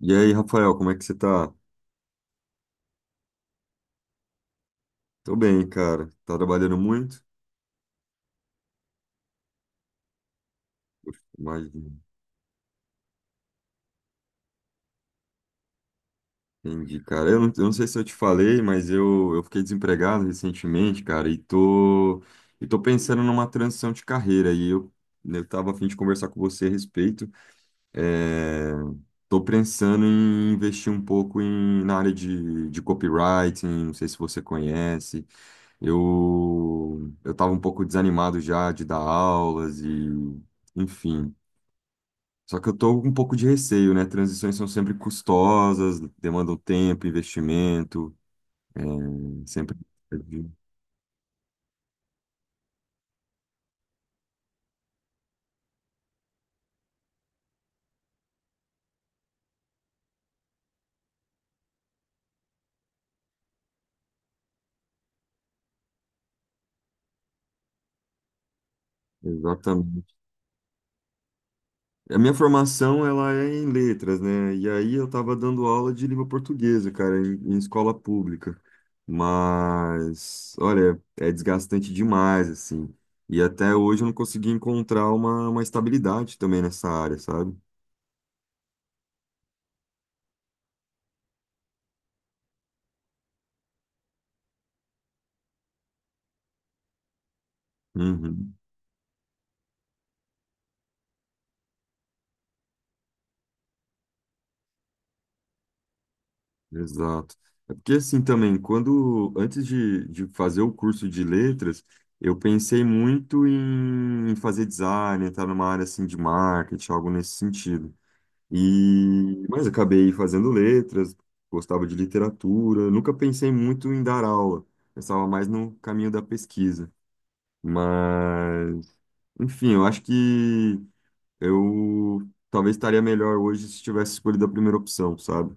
E aí, Rafael, como é que você tá? Tô bem, cara. Tá trabalhando muito? Poxa, imagina. Entendi, cara. Eu não sei se eu te falei, mas eu fiquei desempregado recentemente, cara, e tô pensando numa transição de carreira. Eu tava a fim de conversar com você a respeito. É, tô pensando em investir um pouco na área de copywriting, não sei se você conhece. Eu tava um pouco desanimado já de dar aulas e. Enfim, só que eu tô com um pouco de receio, né? Transições são sempre custosas, demandam tempo, investimento, é, sempre. É. Exatamente. A minha formação, ela é em letras, né? E aí eu tava dando aula de língua portuguesa, cara, em escola pública. Mas, olha, é desgastante demais, assim. E até hoje eu não consegui encontrar uma estabilidade também nessa área, sabe? Uhum. Exato. É porque assim também, quando antes de fazer o curso de letras, eu pensei muito em fazer design, entrar numa área assim de marketing, algo nesse sentido. E mas acabei fazendo letras, gostava de literatura, nunca pensei muito em dar aula. Pensava mais no caminho da pesquisa. Mas, enfim, eu acho que eu talvez estaria melhor hoje se tivesse escolhido a primeira opção, sabe?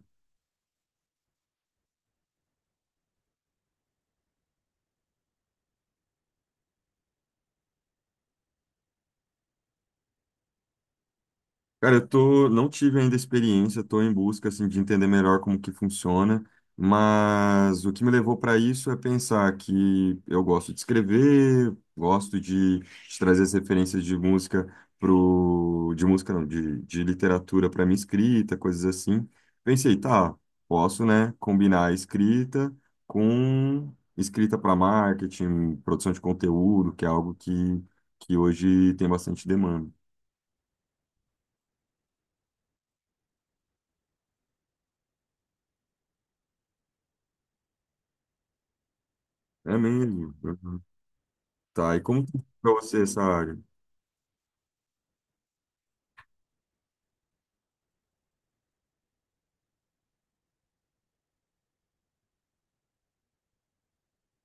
Cara, eu tô, não tive ainda experiência, tô em busca assim de entender melhor como que funciona, mas o que me levou para isso é pensar que eu gosto de escrever, gosto de trazer as referências de música pro, de música não, de literatura para minha escrita, coisas assim. Pensei, tá, posso, né, combinar a escrita com escrita para marketing, produção de conteúdo, que é algo que hoje tem bastante demanda. É mesmo. Uhum. Tá, e como que é pra você essa área?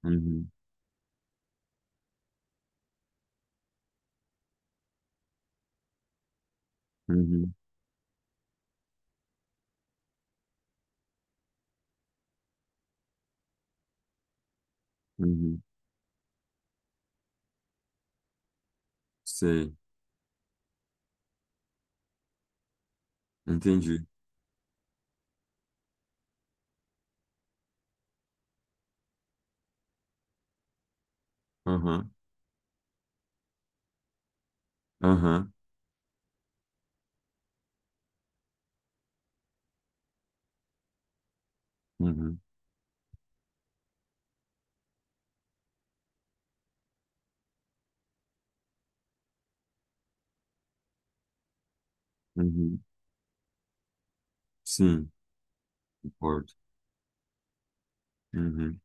Uhum, uhum, uhum. Sei, entendi. Aham, aham, uhum, uhum. Sim, concordo. Uhum,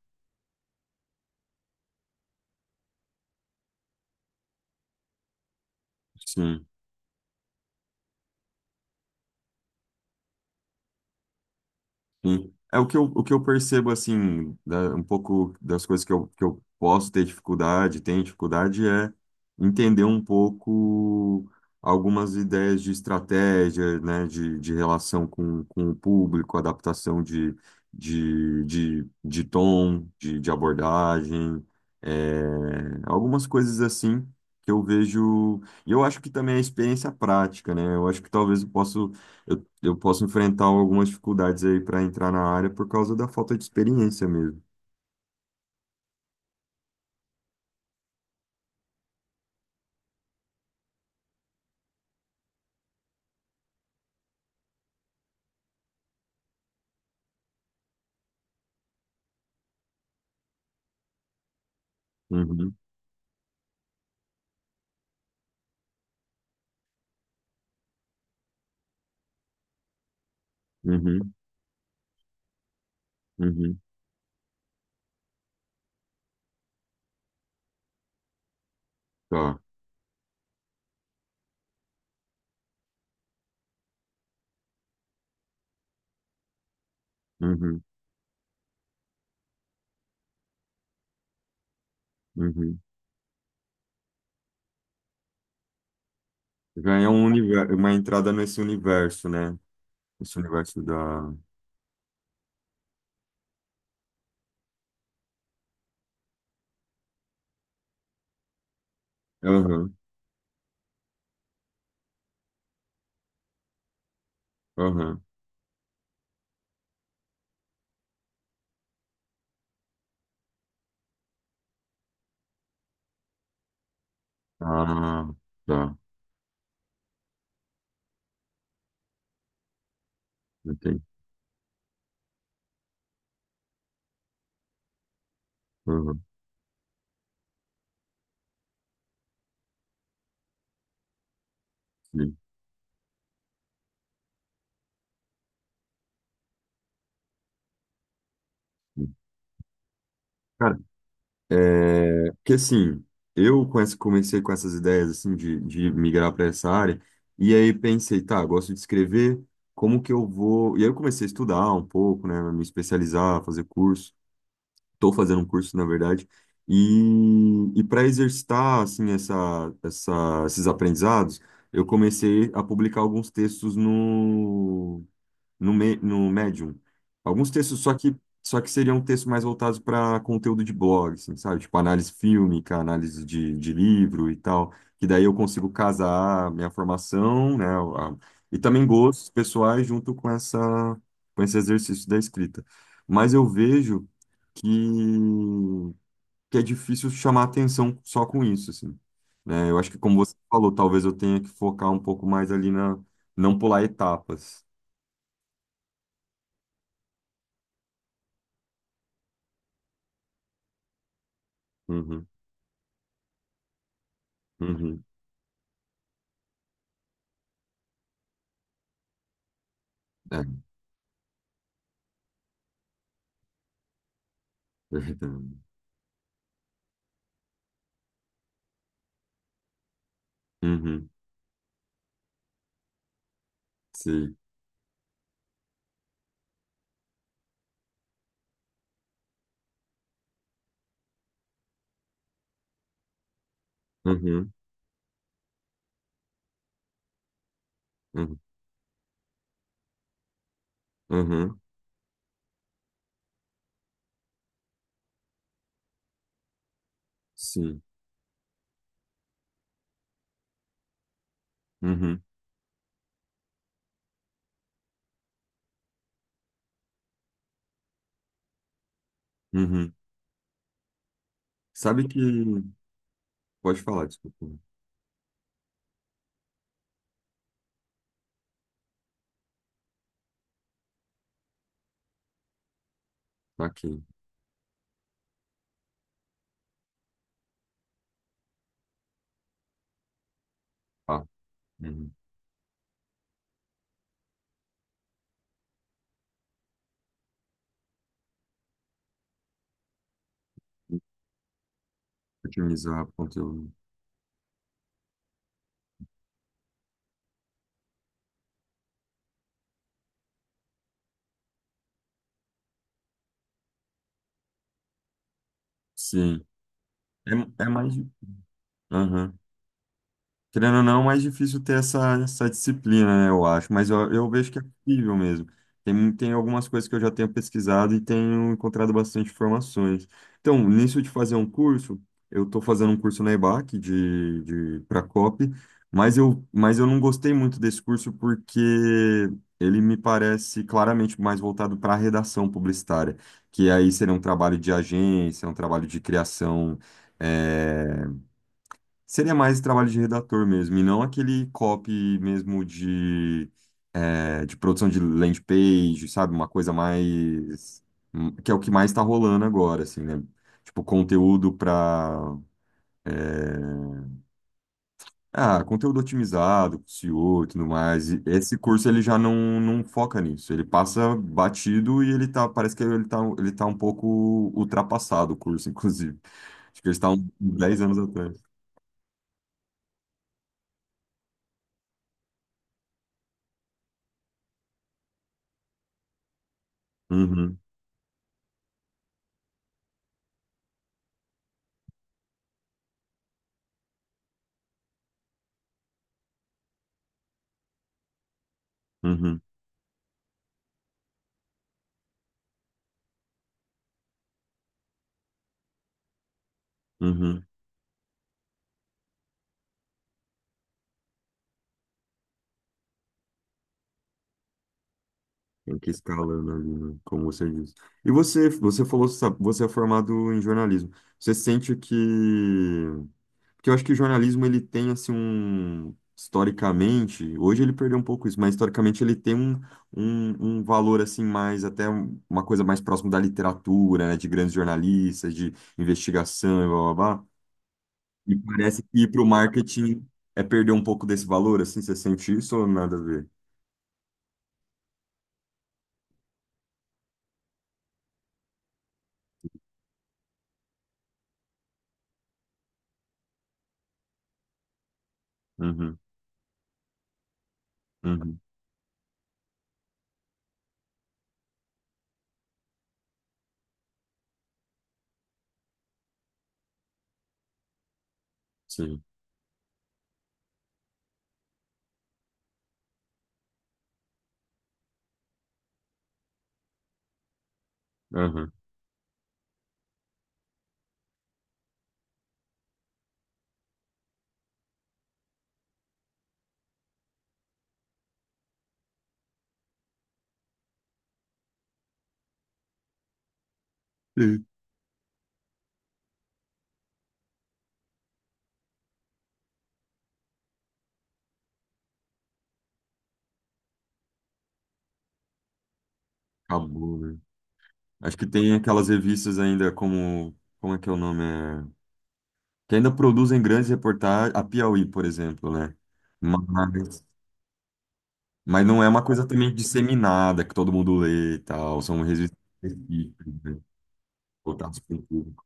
sim. Sim. É o que eu percebo, assim, da- um pouco das coisas que eu posso ter dificuldade, tenho dificuldade, é entender um pouco algumas ideias de estratégia, né, de relação com o público, adaptação de, de tom, de abordagem, é, algumas coisas assim que eu vejo. E eu acho que também é experiência prática, né? Eu acho que talvez eu possa eu posso enfrentar algumas dificuldades aí para entrar na área por causa da falta de experiência mesmo. Uhum, uhum, uhum, tá. Uhum, uhum. Já é um universo, uma entrada nesse universo, né? Esse universo da. Aham, aham. Ah, tá. Entendi. Aham, sim, sim. Cara, é, porque assim, eu com essa- comecei com essas ideias assim de migrar para essa área, e aí pensei, tá, gosto de escrever, como que eu vou? E aí eu comecei a estudar um pouco, né, me especializar, fazer curso. Estou fazendo um curso, na verdade. E para exercitar assim essa, essa, esses aprendizados, eu comecei a publicar alguns textos no, Me- no Medium. Alguns textos, só só que seriam textos mais voltados para conteúdo de blog, assim, sabe? Tipo análise fílmica, análise de livro e tal. Que daí eu consigo casar minha formação, né? a- e também gostos pessoais junto com essa, com esse exercício da escrita. Mas eu vejo que, que é difícil chamar atenção só com isso, assim. Né? Eu acho que, como você falou, talvez eu tenha que focar um pouco mais ali na... Não pular etapas. Uhum, uhum. É verdade. Uhum, sim. Uhum, uhum, uhum, sim. Uhum, uhum. Sabe que... Pode falar, desculpa. Tá aqui. Ah, uhum. Otimizar o conteúdo. Sim. É, é mais... Aham. Querendo ou não, é mais difícil ter essa, essa disciplina, né, eu acho, mas eu vejo que é possível mesmo. Tem, mu- tem algumas coisas que eu já tenho pesquisado e tenho encontrado bastante informações. Então, nisso de fazer um curso, eu estou fazendo um curso na EBAC de, para COP, mas eu não gostei muito desse curso porque ele me parece claramente mais voltado para a redação publicitária, que aí seria um trabalho de agência, um trabalho de criação. eh, Seria mais trabalho de redator mesmo, e não aquele copy mesmo de, de produção de landing page, sabe? Uma coisa mais. Que é o que mais está rolando agora, assim, né? Tipo, conteúdo para. Conteúdo otimizado, SEO e O e tudo mais. E esse curso ele já não foca nisso. Ele passa batido e ele tá. Parece que ele tá um pouco ultrapassado, o curso, inclusive. Acho que ele está uns 10 anos atrás. Uhum, uhum, uhum. Tem que ir escalando ali, né? Como você disse. E você falou, sabe, você é formado em jornalismo. Você sente que... Porque eu acho que o jornalismo, ele tem, assim, um... Historicamente, hoje ele perdeu um pouco isso, mas historicamente ele tem um, um, um valor, assim, mais... Até um- uma coisa mais próxima da literatura, né? De grandes jornalistas, de investigação, e blá, blá, blá. E parece que ir para o marketing é perder um pouco desse valor, assim. Você sente isso ou nada a ver? Uhum, uhum, sim. Aham. Acabou, né? Acho que tem aquelas revistas ainda como. Como é que é o nome? É... Que ainda produzem grandes reportagens. A Piauí, por exemplo, né? Mas, mas não é uma coisa também disseminada, que todo mundo lê e tal. São revistas específicas, né? Voltadas para o público.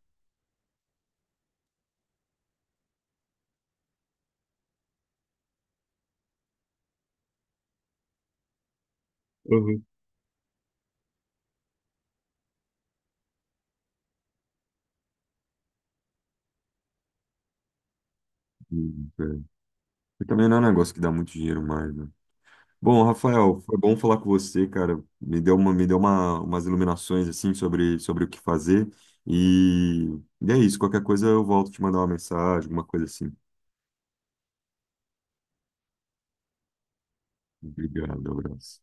Uhum. E, é. E também não é um negócio que dá muito dinheiro mais, né? Bom, Rafael, foi bom falar com você, cara. Me deu uma, umas iluminações assim sobre, sobre o que fazer. E, e é isso, qualquer coisa eu volto te mandar uma mensagem, alguma coisa assim. Obrigado, abraço.